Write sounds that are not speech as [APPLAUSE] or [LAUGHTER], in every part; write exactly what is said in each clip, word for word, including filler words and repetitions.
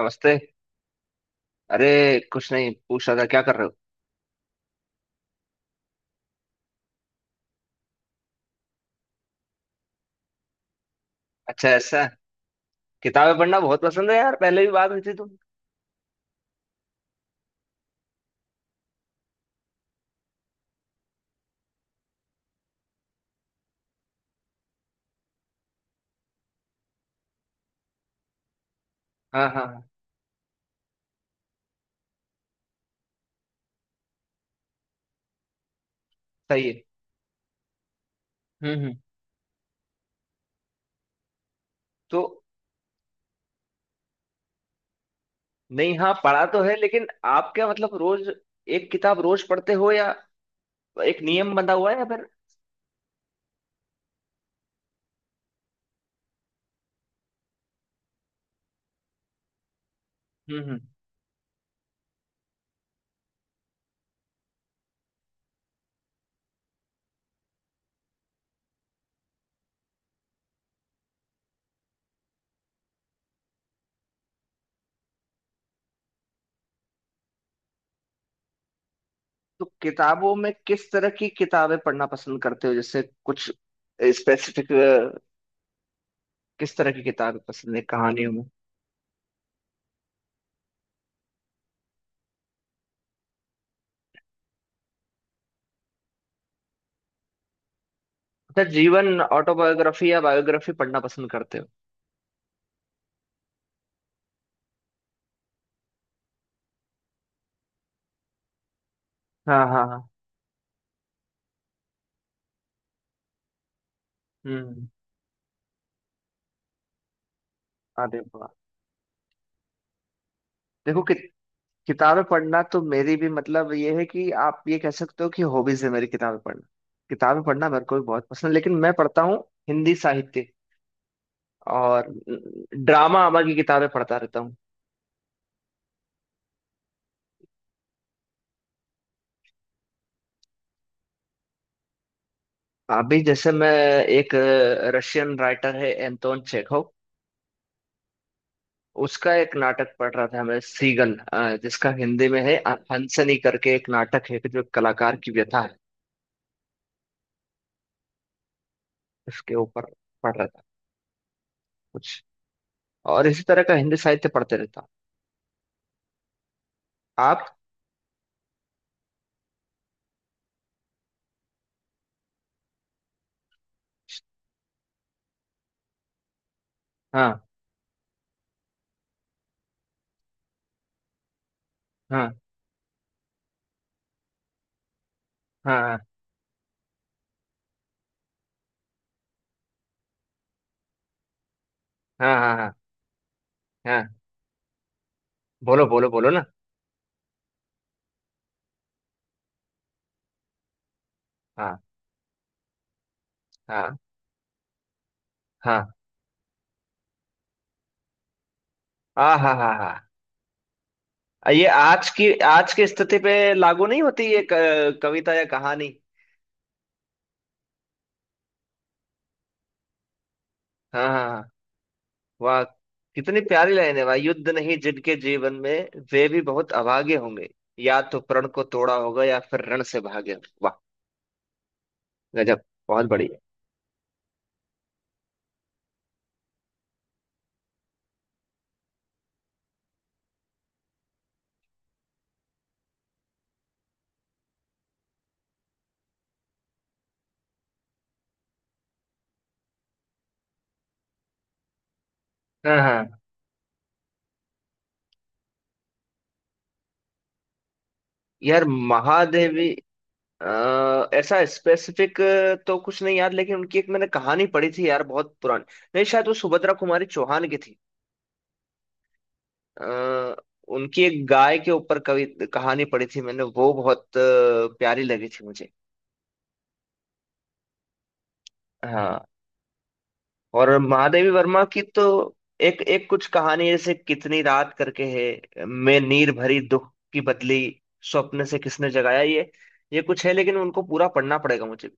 नमस्ते। अरे, कुछ नहीं, पूछ रहा था क्या कर रहे हो। अच्छा, ऐसा। किताबें पढ़ना बहुत पसंद है यार, पहले भी बात हुई थी तुम। हाँ हाँ हाँ, सही है। हम्म हम्म तो नहीं, हाँ पढ़ा तो है, लेकिन आप क्या मतलब रोज एक किताब रोज पढ़ते हो या एक नियम बंधा हुआ है या फिर। हम्म हम्म तो किताबों में किस तरह की किताबें पढ़ना पसंद करते हो, जैसे कुछ स्पेसिफिक, किस तरह की किताबें पसंद है कहानियों में। अच्छा, जीवन ऑटोबायोग्राफी या बायोग्राफी पढ़ना पसंद करते हो। हाँ हाँ हाँ। हम्म, अरे वाह। देखो कि, किताबें पढ़ना तो मेरी भी, मतलब ये है कि आप ये कह सकते हो कि हॉबीज है मेरी, किताबें पढ़ना। किताबें पढ़ना मेरे को भी बहुत पसंद है, लेकिन मैं पढ़ता हूँ हिंदी साहित्य, और ड्रामा आमा की किताबें पढ़ता रहता हूँ। अभी जैसे मैं एक रशियन राइटर है, एंटोन चेखव, उसका एक नाटक पढ़ रहा था मैं सीगन, अ, जिसका हिंदी में है अ- हंसनी करके, एक नाटक है कि जो एक कलाकार की व्यथा है, उसके ऊपर पढ़ रहा था कुछ, और इसी तरह का हिंदी साहित्य पढ़ते रहता हूँ आप। हाँ हाँ हाँ हाँ। हाँ, हाँ हाँ हाँ, बोलो बोलो बोलो ना। हाँ हाँ हाँ। आ हाँ हाँ हाँ। ये आज की आज की स्थिति पे लागू नहीं होती ये क- कविता या कहानी। हाँ हाँ हाँ, वाह। कितनी प्यारी लाइन है भाई, युद्ध नहीं जिनके जीवन में, वे भी बहुत अभागे होंगे, या तो प्रण को तोड़ा होगा या फिर रण से भागे होंगे। वाह, गजब, बहुत बढ़िया। हाँ हाँ, यार महादेवी। अ, ऐसा स्पेसिफिक तो कुछ नहीं यार, लेकिन उनकी एक मैंने कहानी पढ़ी थी यार, बहुत पुरानी, नहीं शायद वो सुभद्रा कुमारी चौहान की थी। आ, उनकी एक गाय के ऊपर कवि कहानी पढ़ी थी मैंने, वो बहुत अ, प्यारी लगी थी मुझे। हाँ, और महादेवी वर्मा की तो एक एक कुछ कहानी है, जैसे कितनी रात करके है, मैं नीर भरी दुख की बदली, स्वप्न से किसने जगाया, ये ये कुछ है, लेकिन उनको पूरा पढ़ना पड़ेगा मुझे।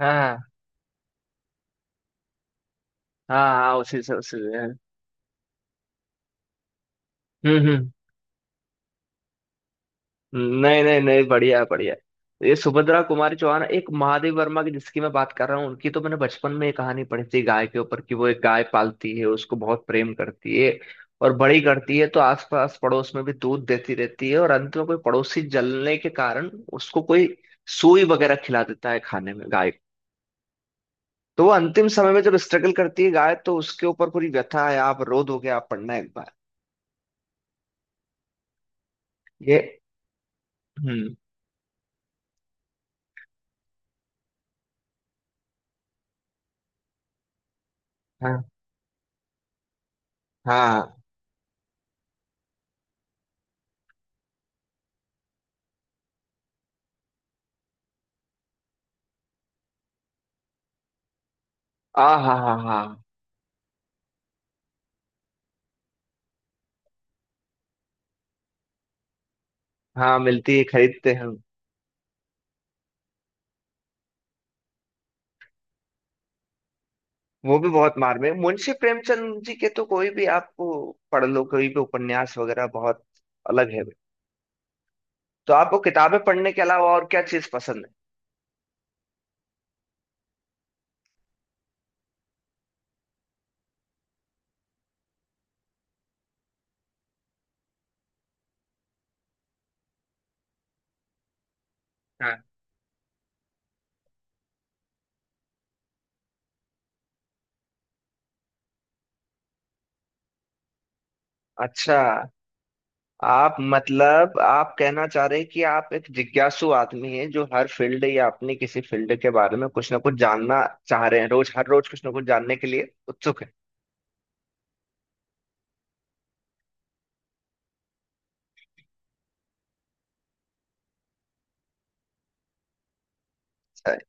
हाँ हाँ हाँ, उसी से उसी से। हम्म हम्म नहीं नहीं नहीं, बढ़िया है, बढ़िया है। ये सुभद्रा कुमारी चौहान, एक महादेव वर्मा की जिसकी मैं बात कर रहा हूँ, उनकी तो मैंने बचपन में ये कहानी पढ़ी थी गाय के ऊपर, कि वो एक गाय पालती है, उसको बहुत प्रेम करती है और बड़ी करती है, तो आसपास पड़ोस में भी दूध देती रहती है, और अंत में कोई पड़ोसी जलने के कारण उसको कोई सुई वगैरह खिला देता है खाने में गाय को। तो वो अंतिम समय में जब स्ट्रगल करती है गाय, तो उसके ऊपर पूरी व्यथा है, आप रो दोगे, आप पढ़ना एक बार ये। हम्म, हाँ हाँ। आ हा हा हा। हाँ, मिलती है, खरीदते हैं। वो भी बहुत मार में, मुंशी प्रेमचंद जी के तो कोई भी आपको पढ़ लो, कोई भी उपन्यास वगैरह, बहुत अलग है। तो आपको किताबें पढ़ने के अलावा और क्या चीज पसंद है। हाँ। अच्छा, आप मतलब आप कहना चाह रहे हैं कि आप एक जिज्ञासु आदमी हैं, जो हर फील्ड या अपनी किसी फील्ड के बारे में कुछ ना कुछ जानना चाह रहे हैं, रोज हर रोज कुछ ना कुछ जानने के लिए उत्सुक है सही,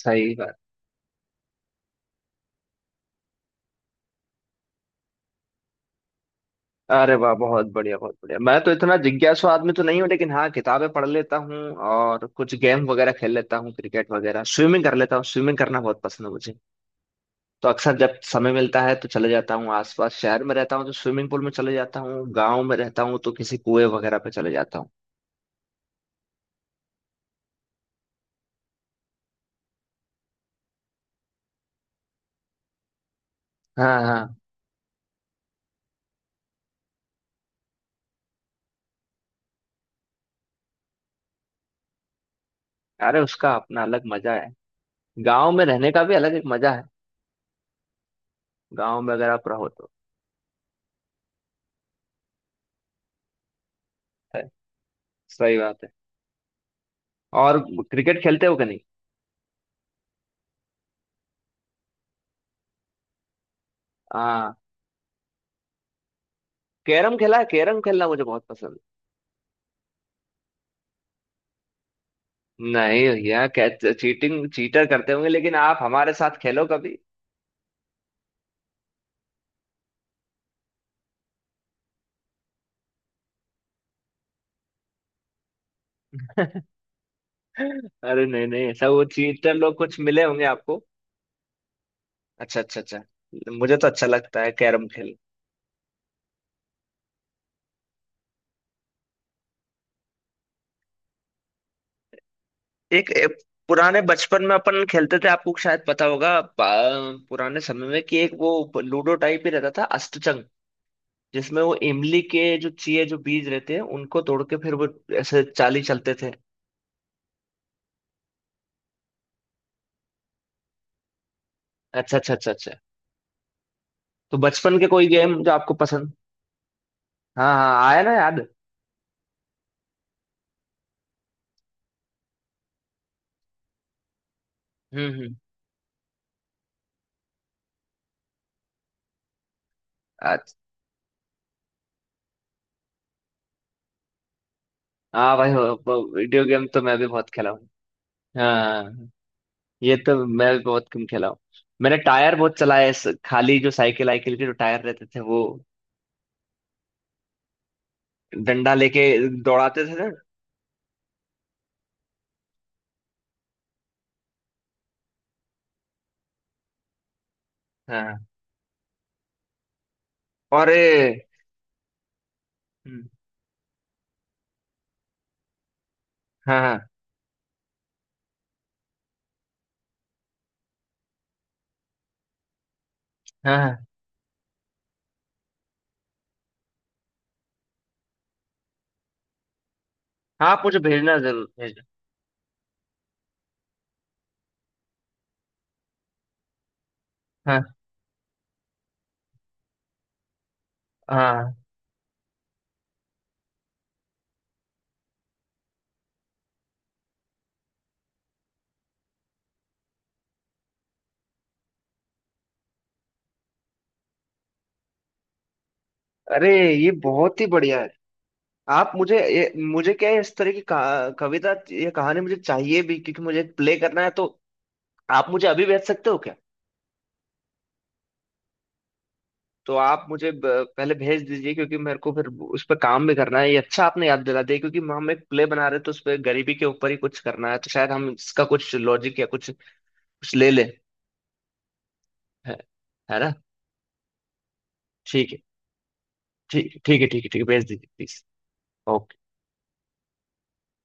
सही बात। अरे वाह, बहुत बढ़िया, बहुत बढ़िया। मैं तो इतना जिज्ञासु आदमी तो नहीं हूँ, लेकिन हाँ किताबें पढ़ लेता हूँ, और कुछ गेम वगैरह खेल लेता हूँ, क्रिकेट वगैरह, स्विमिंग कर लेता हूँ, स्विमिंग करना बहुत पसंद है मुझे। तो अक्सर जब समय मिलता है तो चले जाता हूँ, आसपास शहर में रहता हूँ तो स्विमिंग पूल में चले जाता हूँ, गाँव में रहता हूँ तो किसी कुएं वगैरह पे चले जाता हूँ। हाँ हाँ, अरे उसका अपना अलग मजा है, गाँव में रहने का भी अलग एक मजा है, गाँव में अगर आप रहो तो। सही बात है। और क्रिकेट खेलते हो कि नहीं। हाँ, कैरम खेला है, कैरम खेलना मुझे बहुत पसंद है। नहीं भैया, क्या चीटिंग, चीटर करते होंगे, लेकिन आप हमारे साथ खेलो कभी। [LAUGHS] अरे नहीं नहीं, ऐसा वो चीटर लोग कुछ मिले होंगे आपको। अच्छा अच्छा अच्छा, मुझे तो अच्छा लगता है कैरम खेल। एक, एक पुराने बचपन में अपन खेलते थे, आपको शायद पता होगा, पा- पुराने समय में, कि एक वो लूडो टाइप ही रहता था अष्टचंग, जिसमें वो इमली के जो चाहिए जो बीज रहते हैं, उनको तोड़ के फिर वो ऐसे चाली चलते थे। अच्छा अच्छा अच्छा अच्छा, तो बचपन के कोई गेम जो आपको पसंद। हाँ हाँ, आया ना याद। हम्म हम्म, अच्छा। हाँ भाई, वो- वो वीडियो गेम तो मैं भी बहुत खेला हूँ। हाँ, ये तो मैं भी बहुत गेम खेला हूँ। मैंने टायर बहुत चलाया है, स- खाली जो साइकिल आइकिल के जो टायर रहते थे, वो डंडा लेके दौड़ाते थे ना। हाँ, और ए, हम्म, हाँ हाँ हाँ हाँ, हाँ, आप मुझे भेजना, जरूर भेजना। हाँ हाँ, अरे ये बहुत ही बढ़िया है। आप मुझे ये, मुझे क्या है, इस तरह की कहा- कविता या कहानी मुझे चाहिए भी, क्योंकि मुझे प्ले करना है, तो आप मुझे अभी भेज सकते हो क्या। तो आप मुझे ब- पहले भेज दीजिए, क्योंकि मेरे को फिर उस पर काम भी करना है, ये अच्छा आपने याद दिला दिया, क्योंकि हम एक प्ले बना रहे हैं, तो उस पर गरीबी के ऊपर ही कुछ करना है, तो शायद हम इसका कुछ लॉजिक या कुछ कुछ ले ले है, है ना। ठीक है, ठीक है ठीक है ठीक है ठीक है, भेज दीजिए प्लीज। ओके।